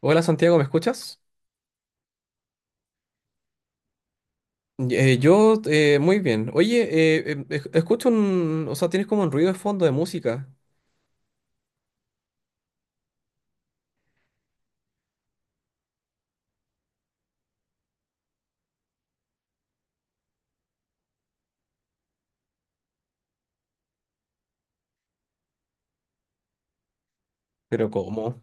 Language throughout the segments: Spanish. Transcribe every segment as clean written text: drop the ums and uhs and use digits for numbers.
Hola Santiago, ¿me escuchas? Yo muy bien. Oye, escucho un... O sea, tienes como un ruido de fondo de música. Pero ¿cómo?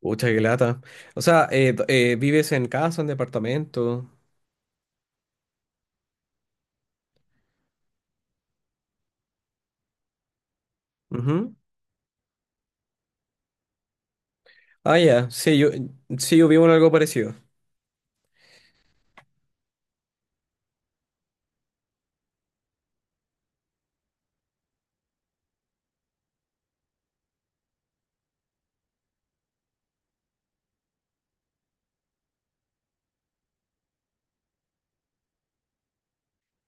Pucha, qué lata. O sea, ¿vives en casa, en departamento? Ujú. Ah, ya. Sí, sí, yo vivo en algo parecido.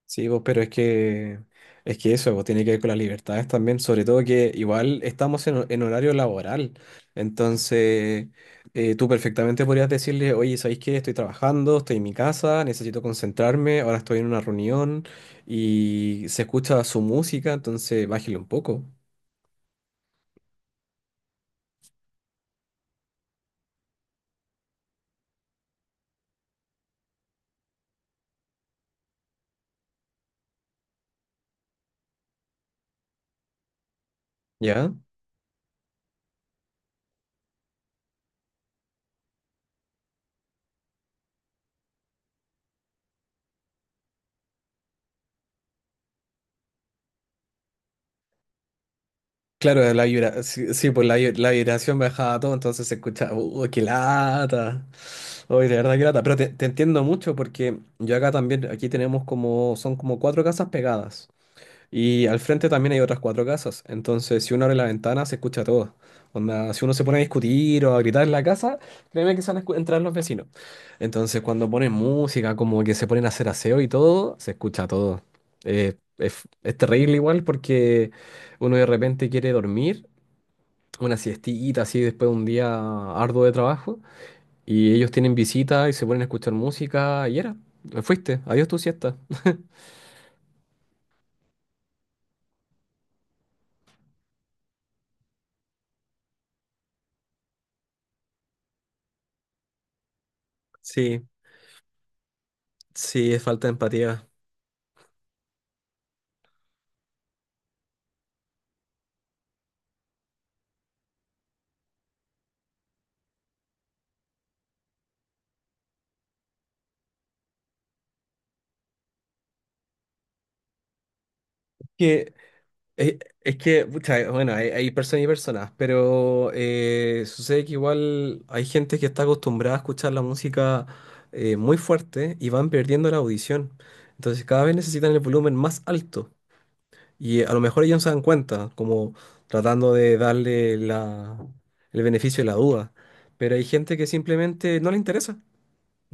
Sí, vos, pero es que eso vos, tiene que ver con las libertades también, sobre todo que igual estamos en horario laboral. Entonces, tú perfectamente podrías decirle, oye, ¿sabéis qué? Estoy trabajando, estoy en mi casa, necesito concentrarme, ahora estoy en una reunión y se escucha su música, entonces bájale un poco, ¿ya? Claro, la vibra, sí, sí, pues la vibración me bajaba todo, entonces se escuchaba, uy, ¡qué lata! Uy, de verdad, qué lata. Pero te entiendo mucho porque yo acá también, aquí tenemos como, son como cuatro casas pegadas. Y al frente también hay otras cuatro casas. Entonces, si uno abre la ventana, se escucha todo. Onda, si uno se pone a discutir o a gritar en la casa, créeme que se van a entrar los vecinos. Entonces, cuando ponen música, como que se ponen a hacer aseo y todo, se escucha todo. Es terrible igual porque uno de repente quiere dormir, una siestita así después de un día arduo de trabajo, y ellos tienen visita y se ponen a escuchar música y era, fuiste, adiós tu siesta. Sí, sí, es falta de empatía. Que Es, es que, pucha, bueno, hay personas y personas, pero sucede que igual hay gente que está acostumbrada a escuchar la música muy fuerte y van perdiendo la audición. Entonces cada vez necesitan el volumen más alto y a lo mejor ellos no se dan cuenta, como tratando de darle el beneficio de la duda. Pero hay gente que simplemente no le interesa.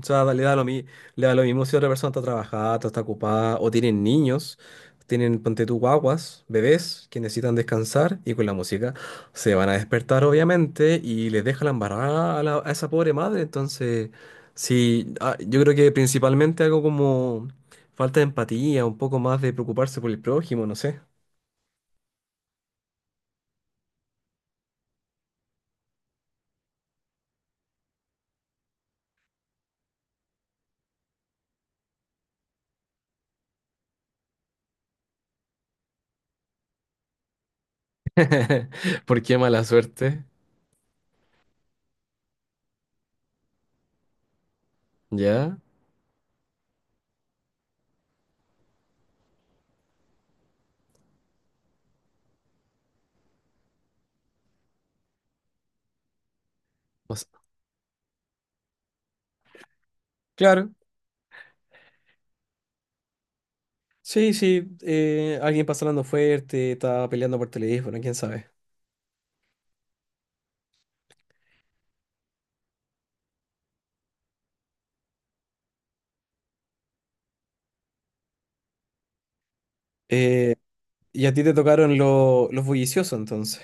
O sea, le da lo mismo si otra persona está trabajada, está ocupada, o tienen niños, tienen, ponte tú, guaguas, bebés que necesitan descansar y con la música se van a despertar, obviamente, y les deja la embarrada a esa pobre madre. Entonces, sí, ah, yo creo que principalmente algo como falta de empatía, un poco más de preocuparse por el prójimo, no sé. ¿Por qué mala suerte? ¿Ya? O sea, claro. Sí, sí, alguien pasa hablando fuerte, está peleando por teléfono, quién sabe. Eh, ¿Y a ti te tocaron los bulliciosos entonces?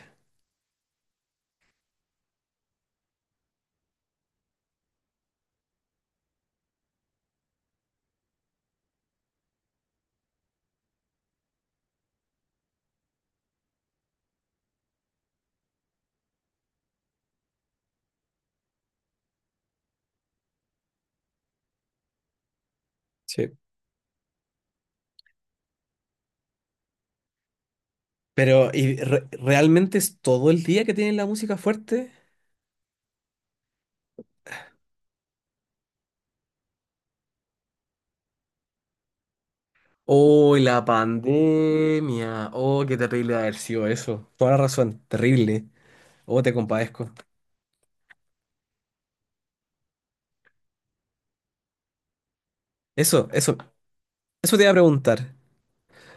Sí. Pero ¿y realmente es todo el día que tienen la música fuerte? Oh, la pandemia. Oh, qué terrible haber sido eso. Toda la razón, terrible. Oh, te compadezco. Eso, eso, eso te iba a preguntar.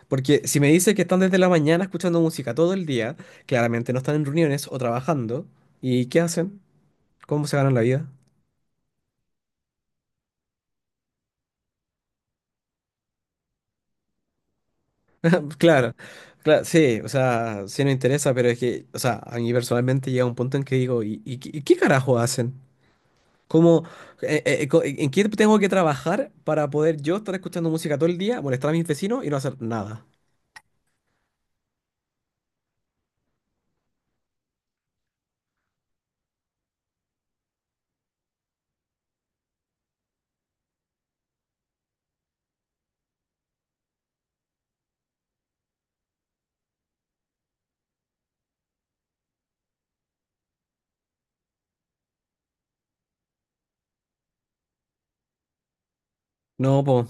Porque si me dices que están desde la mañana escuchando música todo el día, claramente no están en reuniones o trabajando. ¿Y qué hacen? ¿Cómo se ganan la vida? Claro, claro, sí, o sea, sí nos interesa, pero es que, o sea, a mí personalmente llega un punto en que digo, ¿y qué carajo hacen? ¿Cómo, en qué tengo que trabajar para poder yo estar escuchando música todo el día, molestar a mis vecinos y no hacer nada? No, pues,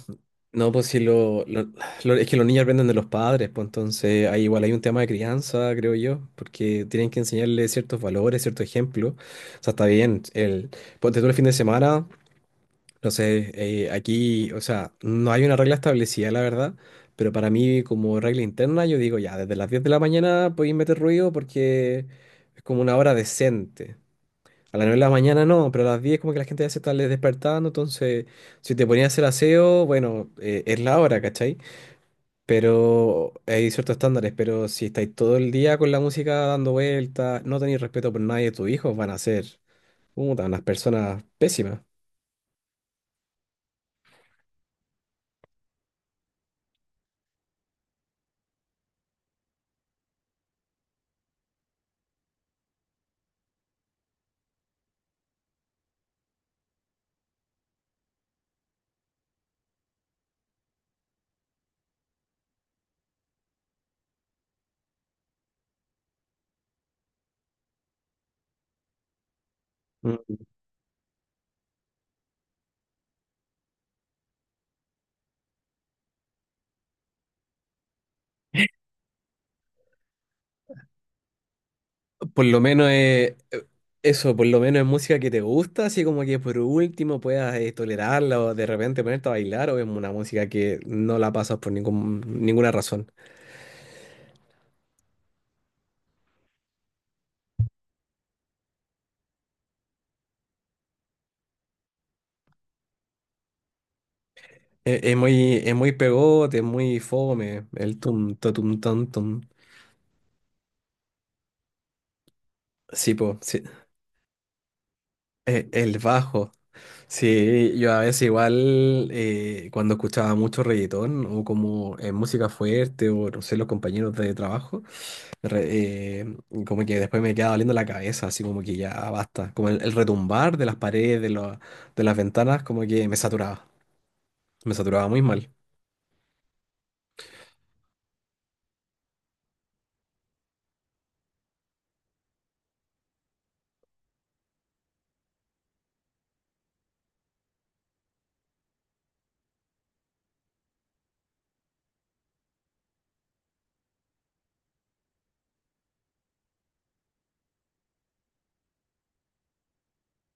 no, pues si es que los niños aprenden de los padres, pues entonces ahí igual hay un tema de crianza, creo yo, porque tienen que enseñarles ciertos valores, ciertos ejemplos. O sea, está bien. Ponte tú el fin de semana. No sé, aquí, o sea, no hay una regla establecida, la verdad, pero para mí como regla interna yo digo, ya, desde las 10 de la mañana podéis meter ruido porque es como una hora decente. A las 9 de la mañana no, pero a las 10 como que la gente ya se está despertando, entonces si te ponías a hacer aseo, bueno, es la hora, ¿cachai? Pero hay ciertos estándares, pero si estáis todo el día con la música dando vueltas, no tenéis respeto por nadie, tus hijos van a ser, puta, unas personas pésimas. Mm. Por lo menos es eso, por lo menos es música que te gusta, así como que por último puedas tolerarla o de repente ponerte a bailar, o es una música que no la pasas por ninguna razón. Es es muy pegote, es muy fome, el tum, ta, tum, tan, tum. Sí, po, sí. El bajo. Sí, yo a veces igual cuando escuchaba mucho reggaetón o como música fuerte o no sé, los compañeros de trabajo. re- eh, Como que después me queda doliendo la cabeza, así como que ya basta. Como el retumbar de las paredes, de las ventanas, como que me saturaba. Me saturaba muy mal.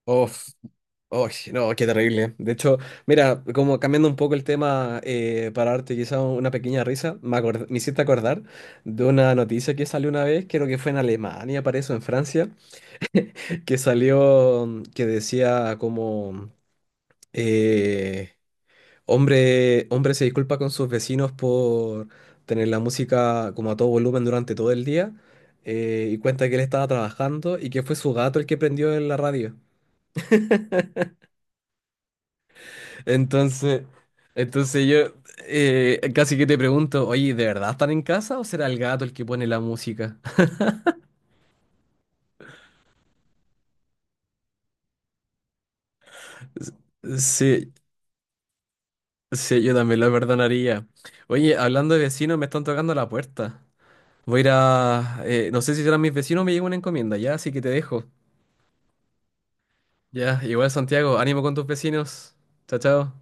Uf, uy, no, qué terrible. De hecho, mira, como cambiando un poco el tema para darte quizá una pequeña risa, me hiciste acordar de una noticia que salió una vez, creo que fue en Alemania, parece, o en Francia, que salió, mm, que decía como... eh, hombre se disculpa con sus vecinos por tener la música como a todo volumen durante todo el día y cuenta que él estaba trabajando y que fue su gato el que prendió en la radio. Entonces, yo casi que te pregunto, oye, ¿de verdad están en casa o será el gato el que pone la música? Sí, sí, yo también lo perdonaría. Oye, hablando de vecinos, me están tocando la puerta. Voy a ir a... no sé si serán mis vecinos o me llegó una encomienda ya, así que te dejo. Ya, igual Santiago, ánimo con tus vecinos. Chao, chao.